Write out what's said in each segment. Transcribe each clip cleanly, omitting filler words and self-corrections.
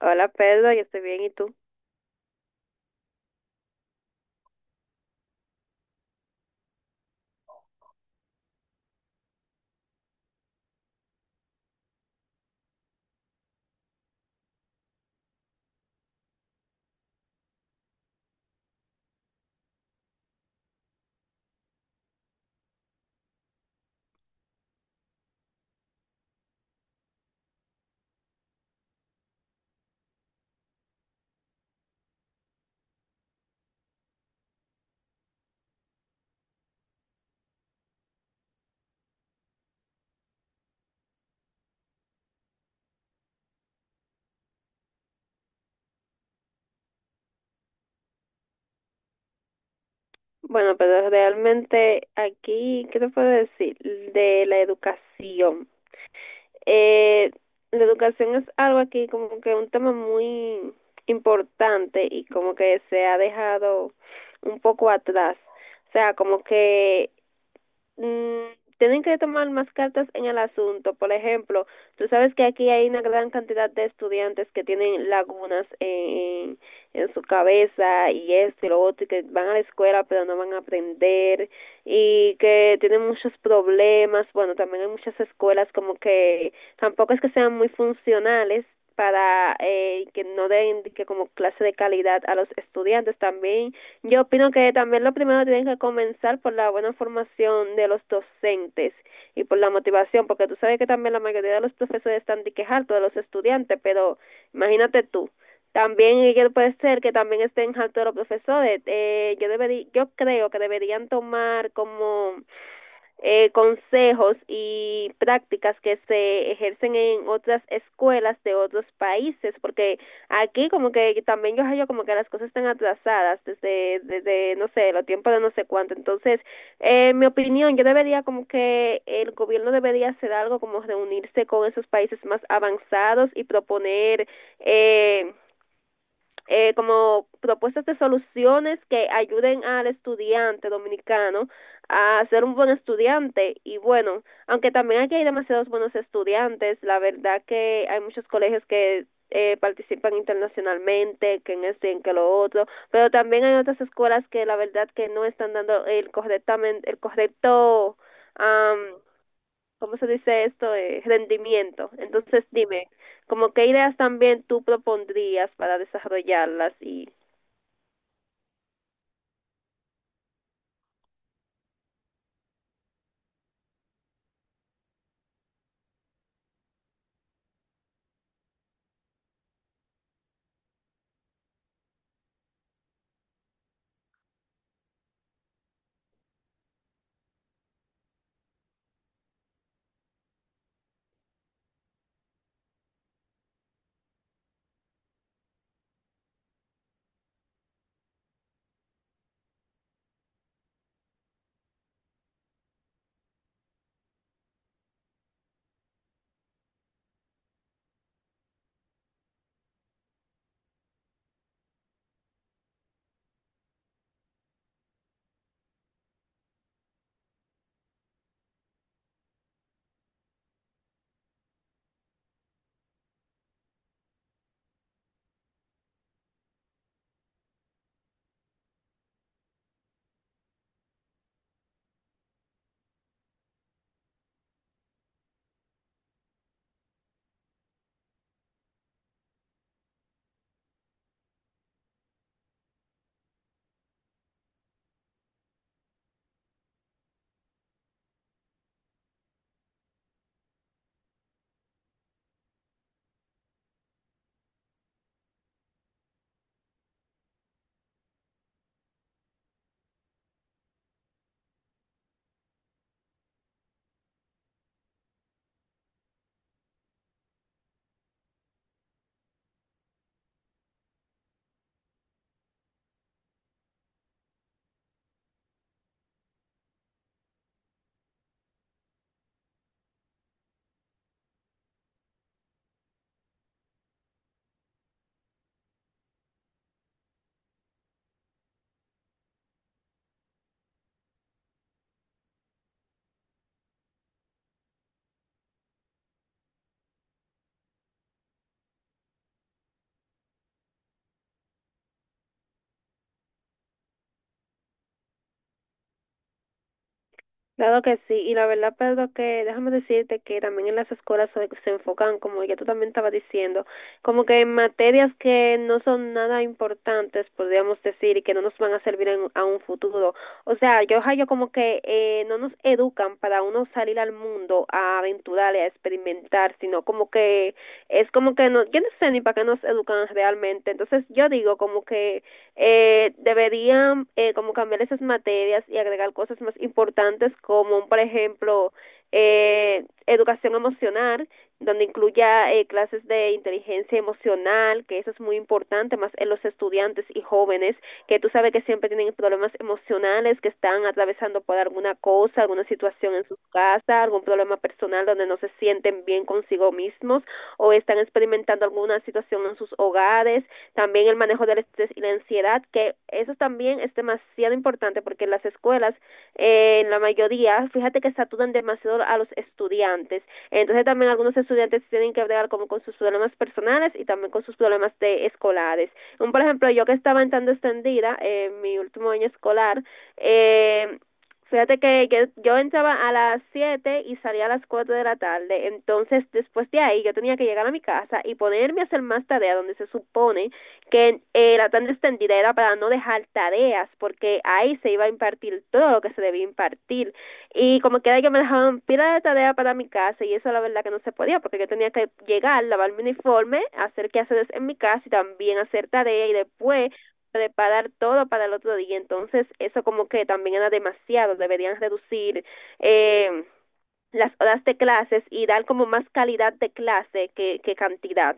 Hola Pedro, yo estoy bien, ¿y tú? Bueno, pero realmente aquí, ¿qué te puedo decir? De la educación. Eh, la educación es algo aquí como que un tema muy importante y como que se ha dejado un poco atrás. O sea, como que mm, tienen que tomar más cartas en el asunto. Por ejemplo, tú sabes que aquí hay una gran cantidad de estudiantes que tienen lagunas en su cabeza y esto y lo otro, y que van a la escuela pero no van a aprender y que tienen muchos problemas. Bueno, también hay muchas escuelas como que tampoco es que sean muy funcionales para que no den de que como clase de calidad a los estudiantes. También yo opino que también lo primero tienen que comenzar por la buena formación de los docentes y por la motivación, porque tú sabes que también la mayoría de los profesores están de hartos de los estudiantes, pero imagínate tú, también ellos puede ser que también estén hartos de los profesores. Yo debería, yo creo que deberían tomar como consejos y prácticas que se ejercen en otras escuelas de otros países, porque aquí como que también yo hallo como que las cosas están atrasadas desde no sé, los tiempos de no sé cuánto. Entonces, en mi opinión, yo debería como que el gobierno debería hacer algo como reunirse con esos países más avanzados y proponer eh, como propuestas de soluciones que ayuden al estudiante dominicano a ser un buen estudiante. Y bueno, aunque también aquí hay demasiados buenos estudiantes, la verdad que hay muchos colegios que participan internacionalmente, que en esto y en que lo otro, pero también hay otras escuelas que la verdad que no están dando el correctamente el correcto um, ¿cómo se dice esto? Rendimiento. Entonces, dime, ¿como qué ideas también tú propondrías para desarrollarlas y claro que sí? Y la verdad, Pedro, que déjame decirte que también en las escuelas se enfocan, como ya tú también estabas diciendo, como que en materias que no son nada importantes, podríamos decir, y que no nos van a servir a un futuro. O sea, yo como que no nos educan para uno salir al mundo a aventurar y a experimentar, sino como que es como que no, yo no sé ni para qué nos educan realmente. Entonces yo digo como que deberían como cambiar esas materias y agregar cosas más importantes como por ejemplo educación emocional, donde incluya clases de inteligencia emocional, que eso es muy importante más en los estudiantes y jóvenes, que tú sabes que siempre tienen problemas emocionales, que están atravesando por alguna cosa, alguna situación en sus casas, algún problema personal donde no se sienten bien consigo mismos o están experimentando alguna situación en sus hogares. También el manejo del estrés y la ansiedad, que eso también es demasiado importante porque las escuelas, en la mayoría, fíjate que saturan demasiado a los estudiantes. Entonces también algunos estudiantes tienen que bregar como con sus problemas personales y también con sus problemas de escolares. Por ejemplo, yo que estaba entrando extendida en mi último año escolar, eh, fíjate que yo, entraba a las 7 y salía a las 4 de la tarde. Entonces, después de ahí, yo tenía que llegar a mi casa y ponerme a hacer más tarea, donde se supone que la tan extendida era para no dejar tareas, porque ahí se iba a impartir todo lo que se debía impartir. Y como que era que me dejaban pila de tarea para mi casa, y eso la verdad que no se podía, porque yo tenía que llegar, lavar mi uniforme, hacer quehaceres en mi casa y también hacer tarea, y después preparar todo para el otro día. Entonces, eso como que también era demasiado, deberían reducir eh, las horas de clases y dar como más calidad de clase que cantidad.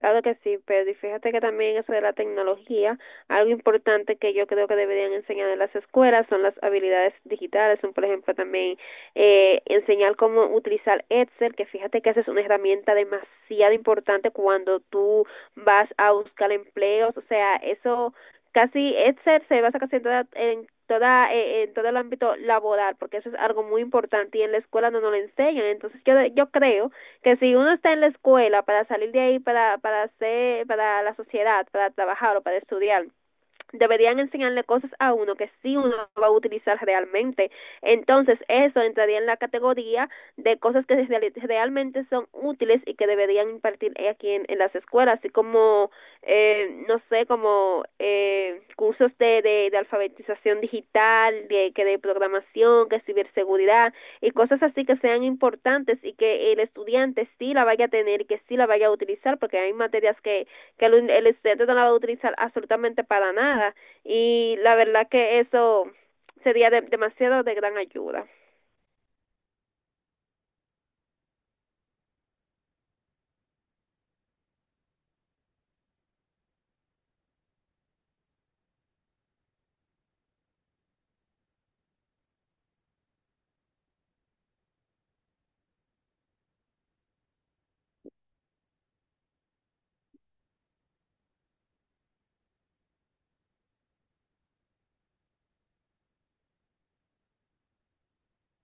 Claro que sí, pero y fíjate que también eso de la tecnología, algo importante que yo creo que deberían enseñar en las escuelas son las habilidades digitales, son por ejemplo también enseñar cómo utilizar Excel, que fíjate que esa es una herramienta demasiado importante cuando tú vas a buscar empleos, o sea, eso casi Excel se basa casi en todo el ámbito laboral, porque eso es algo muy importante y en la escuela no nos lo enseñan, entonces yo creo que si uno está en la escuela para salir de ahí para hacer para la sociedad, para trabajar o para estudiar, deberían enseñarle cosas a uno que sí uno va a utilizar realmente. Entonces, eso entraría en la categoría de cosas que realmente son útiles y que deberían impartir aquí en las escuelas, así como, no sé, como cursos de alfabetización digital, de, que de programación, que ciberseguridad y cosas así que sean importantes y que el estudiante sí la vaya a tener y que sí la vaya a utilizar, porque hay materias que que el estudiante no la va a utilizar absolutamente para nada y la verdad que eso sería demasiado de gran ayuda.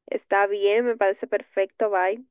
Está bien, me parece perfecto, bye.